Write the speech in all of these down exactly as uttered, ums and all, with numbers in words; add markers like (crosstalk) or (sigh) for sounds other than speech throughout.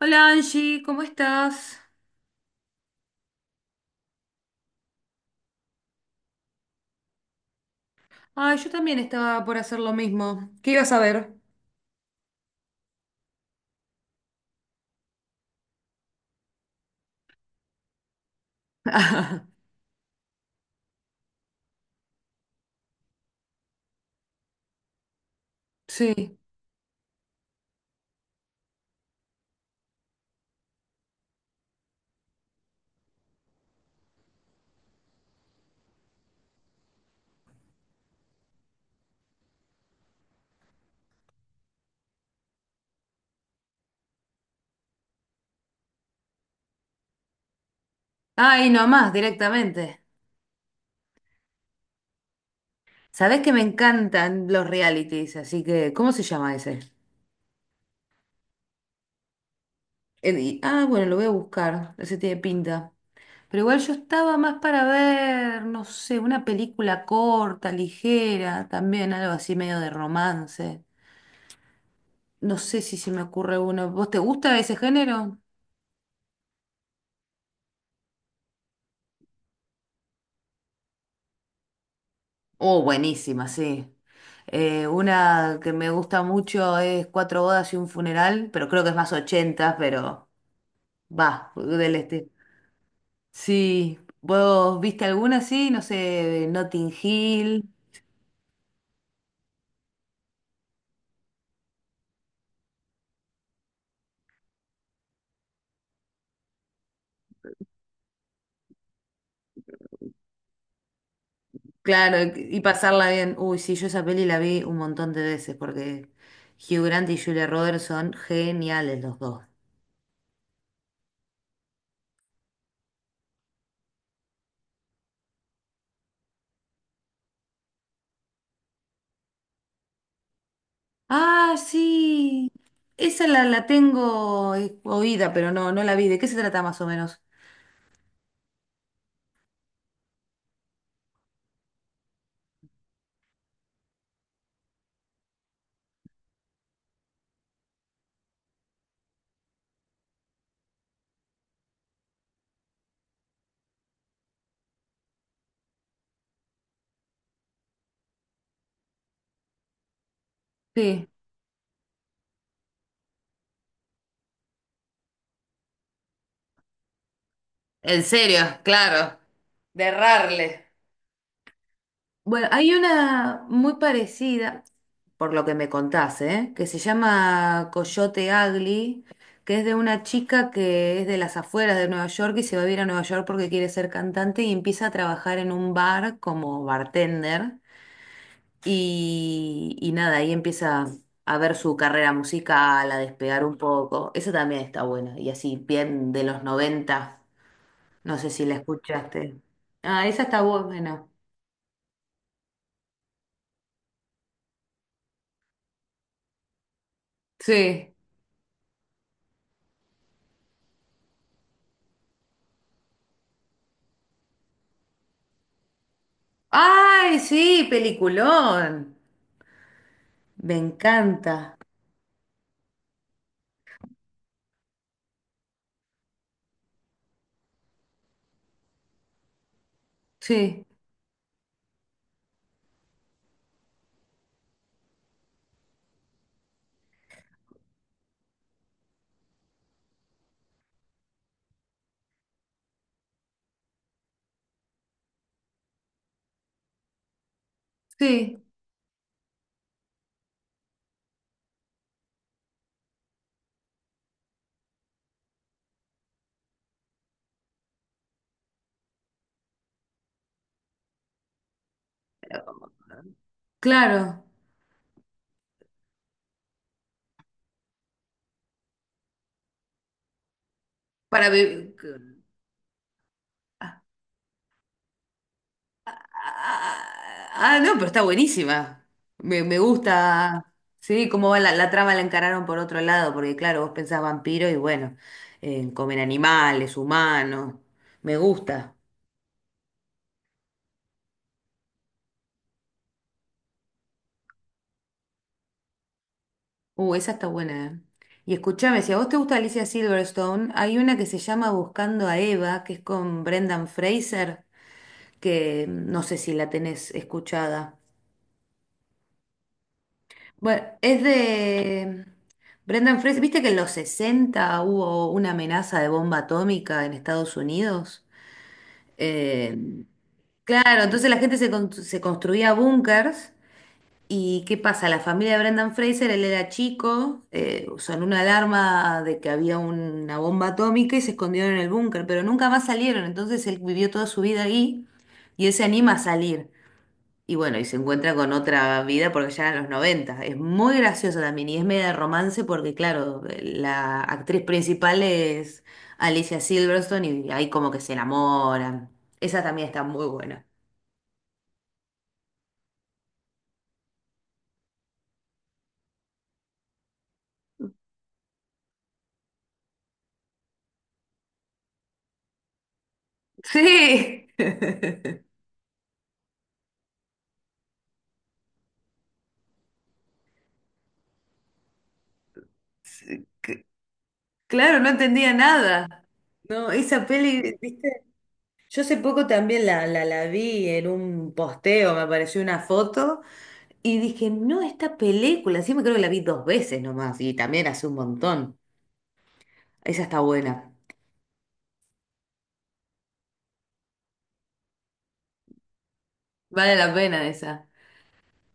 Hola Angie, ¿cómo estás? Ay, yo también estaba por hacer lo mismo. ¿Qué ibas a ver? (laughs) Sí. Ay, nomás, directamente. Sabés que me encantan los realities, así que, ¿cómo se llama ese? El- y- ah, bueno, lo voy a buscar, ese tiene pinta. Pero igual yo estaba más para ver, no sé, una película corta, ligera, también algo así medio de romance. No sé si se me ocurre uno. ¿Vos te gusta ese género? Oh, buenísima, sí. Eh, una que me gusta mucho es Cuatro bodas y un funeral, pero creo que es más ochenta, pero va, del este. Sí, ¿vos viste alguna así? No sé, Notting Hill. Claro, y pasarla bien. Uy, sí, yo esa peli la vi un montón de veces porque Hugh Grant y Julia Roberts son geniales los dos. Ah, sí. Esa la, la tengo eh, oída, pero no, no la vi. ¿De qué se trata más o menos? Sí. En serio, claro. De errarle. Bueno, hay una muy parecida, por lo que me contaste, ¿eh? Que se llama Coyote Ugly, que es de una chica que es de las afueras de Nueva York y se va a vivir a Nueva York porque quiere ser cantante y empieza a trabajar en un bar como bartender. Y, y nada, ahí empieza a ver su carrera musical, a despegar un poco. Eso también está bueno. Y así, bien de los noventa. No sé si la escuchaste. Ah, esa está buena. Sí. Ay, sí, peliculón. Me encanta. Sí, sí, claro. Para be- Ah, ah, ah, no, pero está buenísima. Me, me gusta. Sí, cómo va la, la trama la encararon por otro lado, porque claro, vos pensás vampiro y bueno, eh, comen animales, humanos. Me gusta. Uh, esa está buena. Eh. Y escúchame, si a vos te gusta Alicia Silverstone, hay una que se llama Buscando a Eva, que es con Brendan Fraser, que mm, no sé si la tenés escuchada. Bueno, es de Brendan Fraser. ¿Viste que en los sesenta hubo una amenaza de bomba atómica en Estados Unidos? Eh, claro, entonces la gente se, con- se construía búnkers. ¿Y qué pasa? La familia de Brendan Fraser, él era chico, eh, sonó una alarma de que había una bomba atómica y se escondieron en el búnker, pero nunca más salieron, entonces él vivió toda su vida ahí y él se anima a salir. Y bueno, y se encuentra con otra vida porque ya eran los noventa. Es muy graciosa también y es media de romance porque, claro, la actriz principal es Alicia Silverstone y ahí como que se enamoran. Esa también está muy buena. Sí. (laughs) Claro, no entendía nada. No, esa peli, ¿viste? Yo hace poco también la, la, la vi en un posteo, me apareció una foto y dije, no, esta película, sí me creo que la vi dos veces nomás y también hace un montón. Esa está buena. Vale la pena esa.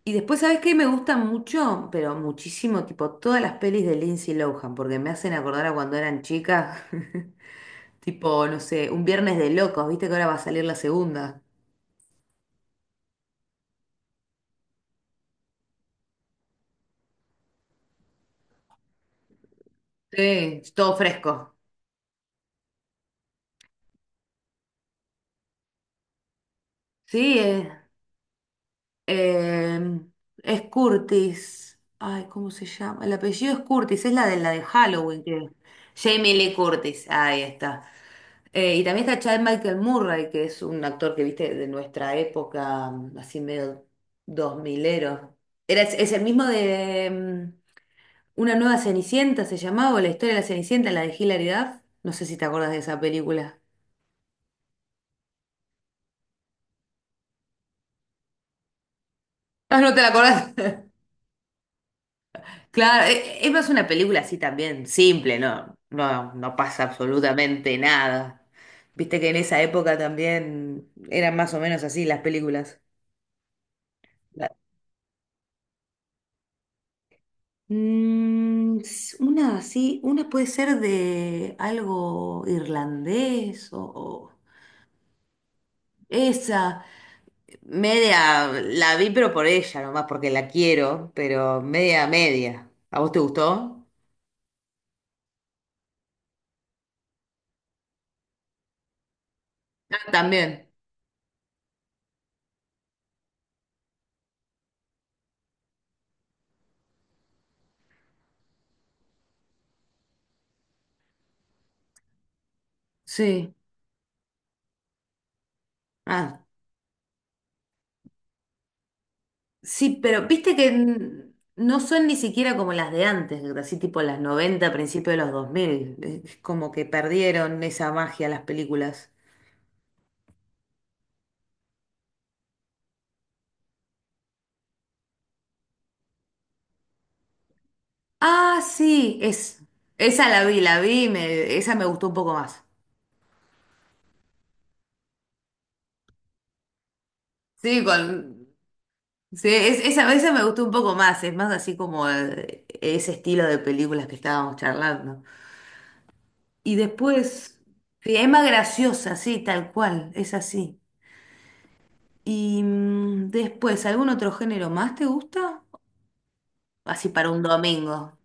Y después, ¿sabes qué? Me gusta mucho, pero muchísimo, tipo todas las pelis de Lindsay Lohan, porque me hacen acordar a cuando eran chicas, (laughs) tipo, no sé, un Viernes de Locos, ¿viste que ahora va a salir la segunda? Sí, todo fresco. Sí, es. Eh, es Curtis. Ay, ¿cómo se llama? El apellido es Curtis, es la de la de Halloween, que Jamie Lee Curtis, ahí está. Eh, y también está Chad Michael Murray, que es un actor que viste de nuestra época, mm, así medio dos milero. Era, es, es el mismo de mm, Una nueva Cenicienta, se llamaba, o la historia de la Cenicienta, la de Hilary Duff. No sé si te acuerdas de esa película. Ah, no te la acordás. Claro, e- es más una película así también, simple, ¿no? No, no pasa absolutamente nada. Viste que en esa época también eran más o menos así las películas. La- Mm, s- una así, una puede ser de algo irlandés o, o- esa. Media, la vi pero por ella nomás, porque la quiero, pero media, media. ¿A vos te gustó? Ah, también. Sí. Ah, sí, pero viste que n- no son ni siquiera como las de antes, así tipo las noventa, principios de los dos mil. eh, Es como que perdieron esa magia las películas. Ah, sí, es, esa la vi, la vi, me, esa me gustó un poco más. Sí, con, sí, es- esa, esa me gustó un poco más, es más así como eh, ese estilo de películas que estábamos charlando. Y después, sí, es más graciosa, sí, tal cual, es así. Y mm, después, ¿algún otro género más te gusta? Así para un domingo,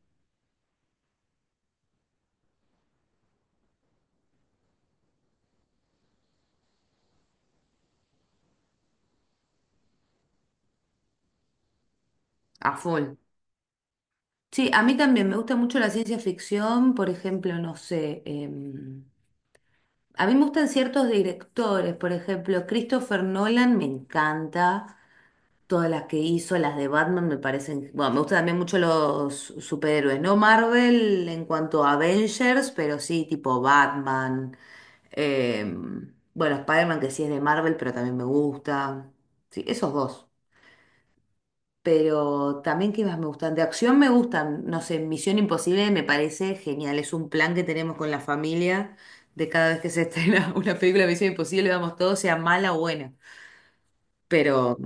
a full. Sí, a mí también me gusta mucho la ciencia ficción, por ejemplo, no sé, em, a mí me gustan ciertos directores, por ejemplo, Christopher Nolan me encanta, todas las que hizo, las de Batman me parecen, bueno, me gustan también mucho los superhéroes, no Marvel en cuanto a Avengers, pero sí tipo Batman, em, bueno, Spider-Man que sí es de Marvel, pero también me gusta, sí, esos dos. Pero también, ¿qué más me gustan? De acción me gustan, no sé, Misión Imposible me parece genial, es un plan que tenemos con la familia de cada vez que se estrena (laughs) una película de Misión Imposible, vamos todos, sea mala o buena. Pero,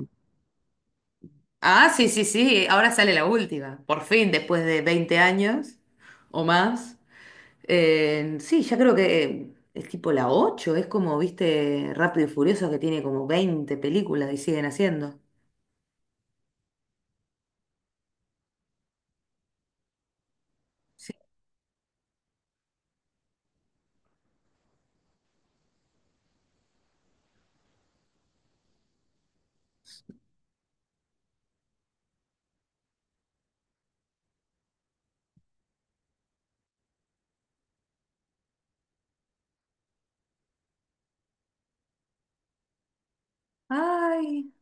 ah, sí, sí, sí, ahora sale la última, por fin, después de veinte años o más. Eh, sí, ya creo que eh, es tipo la ocho es como, viste, Rápido y Furioso que tiene como veinte películas y siguen haciendo. Sí. Ay.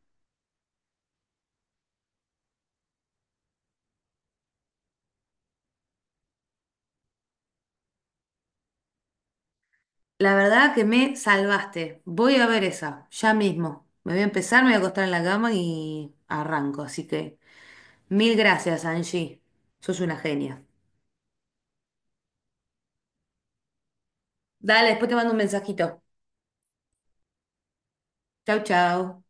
La verdad que me salvaste. Voy a ver esa, ya mismo. Me voy a empezar, me voy a acostar en la cama y arranco. Así que mil gracias, Angie. Sos una genia. Dale, después te mando un mensajito. Chau, chau.